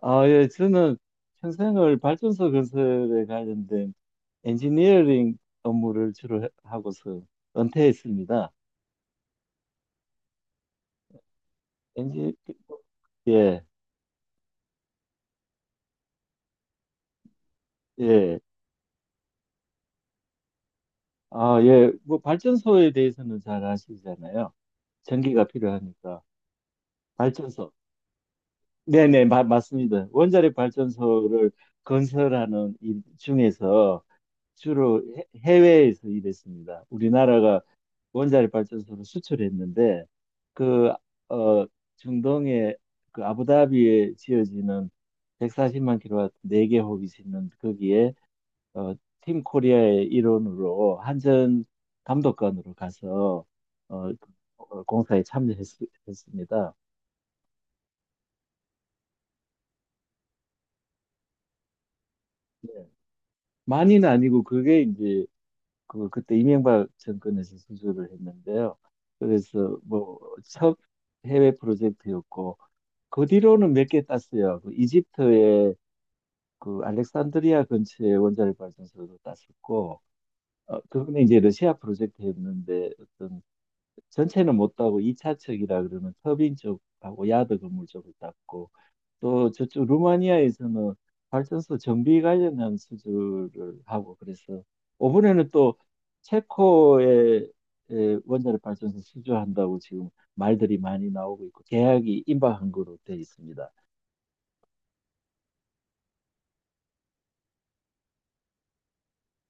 아, 예, 저는 평생을 발전소 건설에 관련된 엔지니어링 업무를 주로 하고서 은퇴했습니다. 엔지, 예, 예. 아, 예. 뭐 발전소에 대해서는 잘 아시잖아요. 전기가 필요하니까. 발전소. 네네, 맞습니다. 원자력 발전소를 건설하는 일 중에서 주로 해외에서 일했습니다. 우리나라가 원자력 발전소를 수출했는데 그 어, 중동의 그 아부다비에 지어지는 140만 킬로와트 4개 호기 있는 거기에 어, 팀 코리아의 일원으로 한전 감독관으로 가서 어, 그, 공사에 참여했습니다. 많이는 아니고 그게 이제 그때 이명박 정권에서 수주를 했는데요. 그래서 뭐 첫 해외 프로젝트였고 그 뒤로는 몇 개 땄어요. 그 이집트의 그 알렉산드리아 근처의 원자력 발전소도 땄었고 그거는 이제 러시아 프로젝트였는데 어떤 전체는 못 따고 2차측이라 그러면 터빈 쪽하고 야드 건물 쪽을 땄고 또 저쪽 루마니아에서는 발전소 정비 관련한 수주를 하고 그래서 이번에는 또 체코의 원자력 발전소 수주한다고 지금 말들이 많이 나오고 있고 계약이 임박한 거로 돼 있습니다.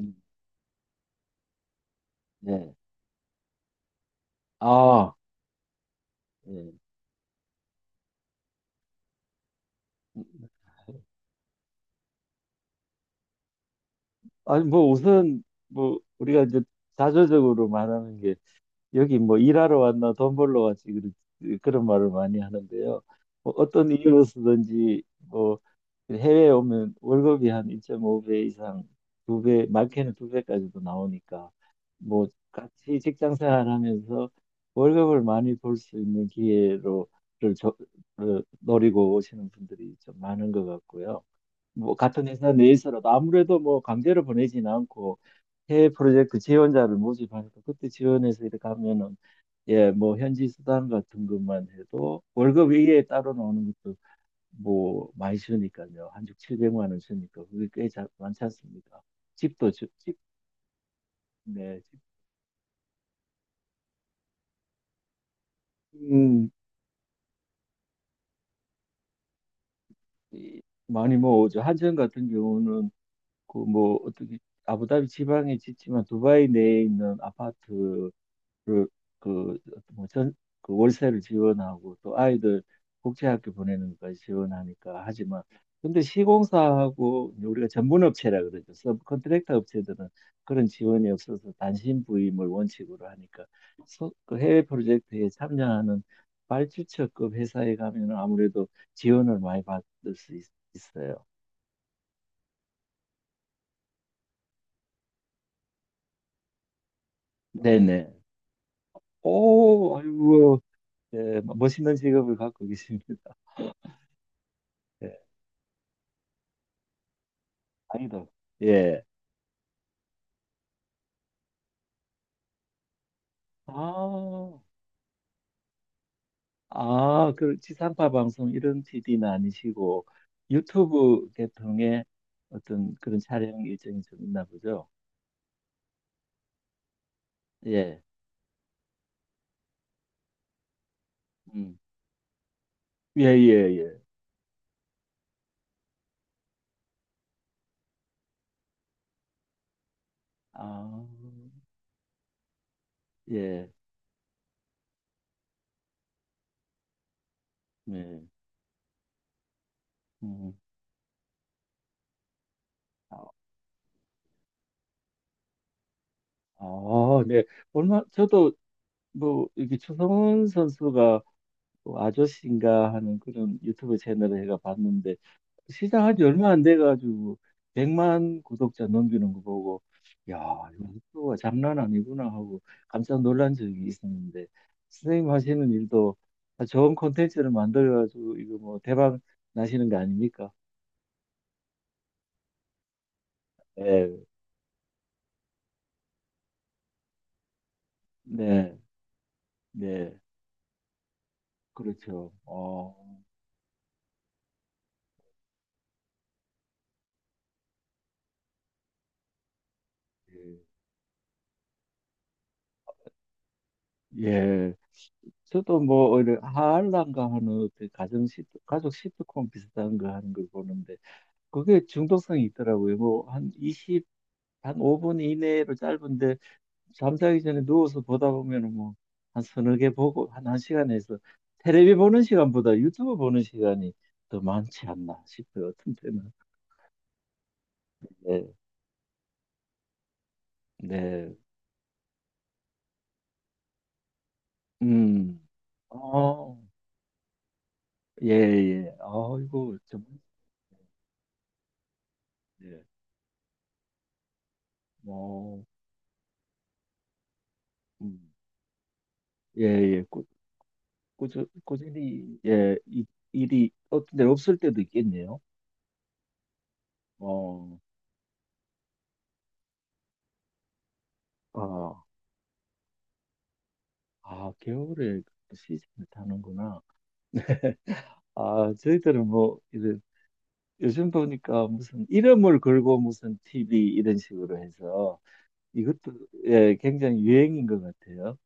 음, 네. 아, 예. 아니 뭐 우선 뭐 우리가 이제 자조적으로 말하는 여기 뭐 일하러 왔나 돈 벌러 왔지 그런 말을 많이 하는데요. 뭐 어떤 이유로서든지 뭐 해외에 오면 월급이 한 2.5배 이상 두 배, 많게는 두 배까지도 나오니까 뭐 같이 직장 생활하면서 월급을 많이 벌 수 있는 기회로를 저, 를 노리고 오시는 분들이 좀 많은 것 같고요. 뭐 같은 회사 내에서라도 아무래도 뭐 강제로 보내지는 않고 해외 프로젝트 지원자를 모집하니까 그때 지원해서 이렇게 하면은 예, 뭐 현지 수당 같은 것만 해도 월급 위에 따로 나오는 것도 뭐 많이 주니까요. 한주 700만 원 주니까 그게 꽤 많지 않습니까? 집도 집, 네, 집, 음, 이- 많이 모으죠. 한전 같은 경우는 그 뭐 어떻게 아부다비 지방에 짓지만 두바이 내에 있는 아파트 그, 그, 뭐 전, 그 월세를 지원하고 또 아이들 국제학교 보내는 거 지원하니까 하지만 근데 시공사하고 이제 우리가 전문업체라 그러죠. 서브컨트랙터 업체들은 그런 지원이 없어서 단신 부임을 원칙으로 하니까 그 해외 프로젝트에 참여하는 발주처급 회사에 가면 아무래도 지원을 많이 받을 수 있어요. 네네. 오, 아이고, 예, 멋있는 직업을 갖고 계십니다. 예, 아니다. 예. 아, 아, 그 지상파 방송 이런 PD는 아니시고 유튜브 계통의 어떤 그런 촬영 일정이 좀 있나 보죠? 예, 음, 예, 예, 예. 아, 예, 네, 음, 아, 아, 네. 얼마 저도 뭐 이게 추성훈 선수가 뭐 아저씨인가 하는 그런 유튜브 채널을 제가 봤는데 시작한 지 얼마 안 돼가지고 100만 구독자 넘기는 거 보고 야, 이거 속도가 장난 아니구나 하고 깜짝 놀란 적이 있었는데 선생님 하시는 일도 좋은 콘텐츠를 만들어가지고 이거 뭐 대박 나시는 거 아닙니까? 네, 네, 네, 그렇죠. 어, 예. 예. 저도 뭐 오히려 하알란가 하는 어떤 가정 시 가족 시트콤 비슷한 거 하는 걸 보는데 그게 중독성이 있더라고요. 뭐 한 5분 이내로 짧은데 잠자기 전에 누워서 보다 보면은 뭐 한 서너 개 보고 한 1시간에서 테레비 보는 시간보다 유튜브 보는 시간이 더 많지 않나 싶어요. 어떤 때는. 네. 네. 음. 어. 예, 예. 아이고 좀 예. 뭐 음. 예, 예. 꾸준히 예, 일이 어떤 데 없을 때도 있겠네요. 어. 아, 아, 겨울에 그 시즌을 타는구나. 아, 저희들은 뭐, 이제 요즘 보니까 무슨 이름을 걸고 무슨 TV 이런 식으로 해서 이것도 예, 굉장히 유행인 것 같아요.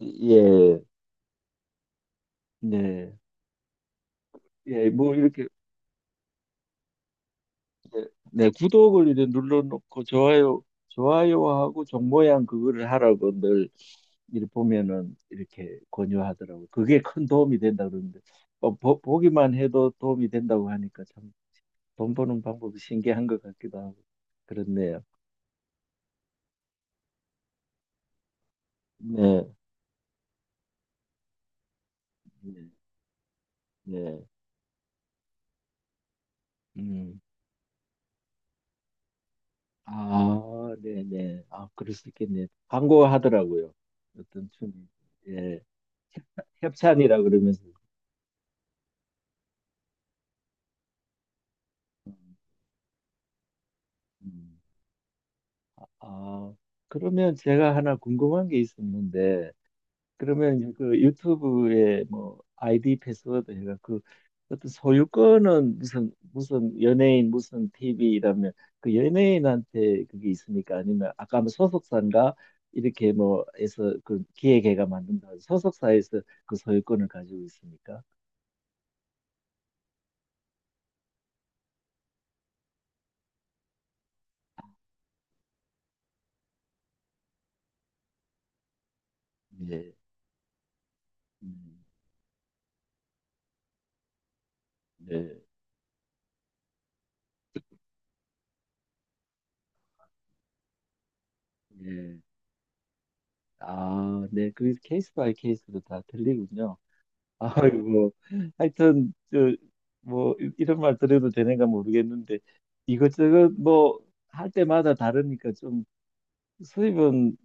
예, 네. 예, 뭐 이렇게 예, 네, 구독을 이제 눌러놓고 좋아요, 좋아요하고 종 모양 그거를 하라고 늘 이렇게 보면은 이렇게 권유하더라고요. 그게 큰 도움이 된다 그러는데 보기만 해도 도움이 된다고 하니까 참 돈 버는 방법이 신기한 것 같기도 하고 그렇네요. 네, 네, 네. 음, 아, 네네. 아, 그럴 수 있겠네. 광고하더라고요. 어떤 춤 예, 협찬이라 그러면서. 음, 음. 아, 그러면 제가 하나 궁금한 게 있었는데, 그러면 그 유튜브에 뭐 아이디 패스워드 해가 그 어떤 소유권은 무슨 무슨 연예인 무슨 TV 이러면 그 연예인한테 그게 있습니까? 아니면 아까 뭐 소속사인가 이렇게 뭐 해서 그 기획회가 만든다 소속사에서 그 소유권을 가지고 있습니까? 네. 음, 네. 네. 아, 네. 그 케이스 바이 케이스로 다 틀리군요. 아이고, 뭐. 하여튼, 뭐, 이런 말 드려도 되는가 모르겠는데, 이것저것 뭐, 할 때마다 다르니까 좀 수입은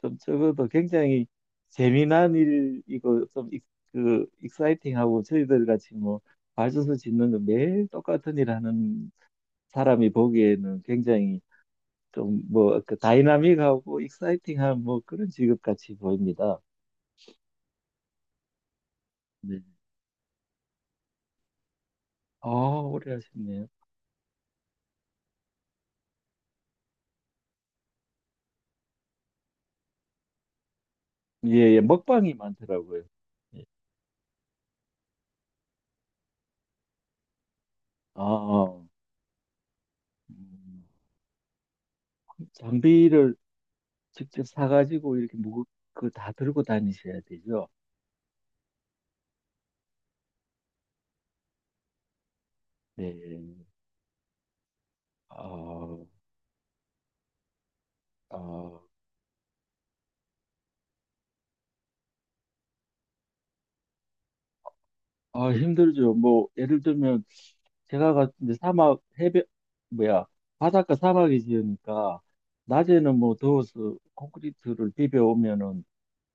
좀 적어도 굉장히 재미난 일이고, 좀, 익사이팅하고, 저희들 같이 뭐, 발전소 짓는 거 매일 똑같은 일 하는 사람이 보기에는 굉장히 좀 뭐, 그 다이나믹하고, 익사이팅한 뭐 그런 직업 같이 보입니다. 네. 아, 오래 하셨네요. 예, 예, 먹방이 많더라고요. 예. 아, 아. 음, 장비를 직접 사가지고 이렇게 그다 들고 다니셔야 되죠. 네, 아, 아, 아, 힘들죠. 뭐, 예를 들면, 제가 갔는데 사막, 해변, 뭐야, 바닷가 사막이 지으니까, 낮에는 뭐 더워서 콘크리트를 비벼오면은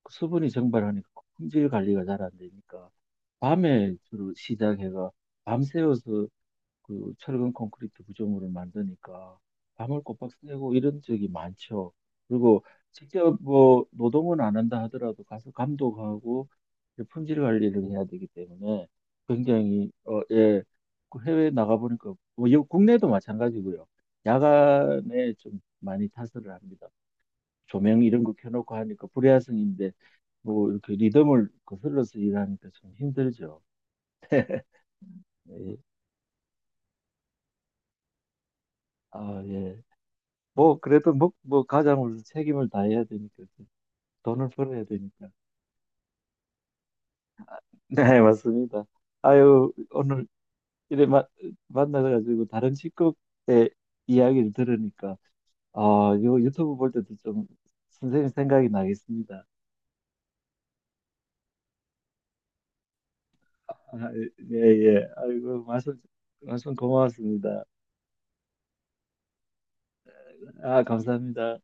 수분이 정발하니까 품질 관리가 잘 안 되니까, 밤에 주로 밤새워서 그 철근 콘크리트 구조물을 만드니까 밤을 꼬박 새고 이런 적이 많죠. 그리고 직접 뭐 노동은 안 한다 하더라도 가서 감독하고 이제 품질 관리를 해야 되기 때문에 굉장히 예, 그 해외에 나가보니까 뭐 국내도 마찬가지고요. 야간에 좀 많이 타설을 합니다. 조명 이런 거 켜놓고 하니까 불야성인데 뭐 이렇게 리듬을 거슬러서 일하니까 좀 힘들죠. 예. 아, 예. 뭐 그래도 뭐 가장으로 책임을 다해야 되니까 돈을 벌어야 되니까. 네, 맞습니다. 아유, 오늘 이래 만나가지고 다른 직업의 이야기를 들으니까 요 유튜브 볼 때도 좀 선생님 생각이 나겠습니다. 아, 예, 예. 아이고, 말씀 고마웠습니다. 아, 감사합니다.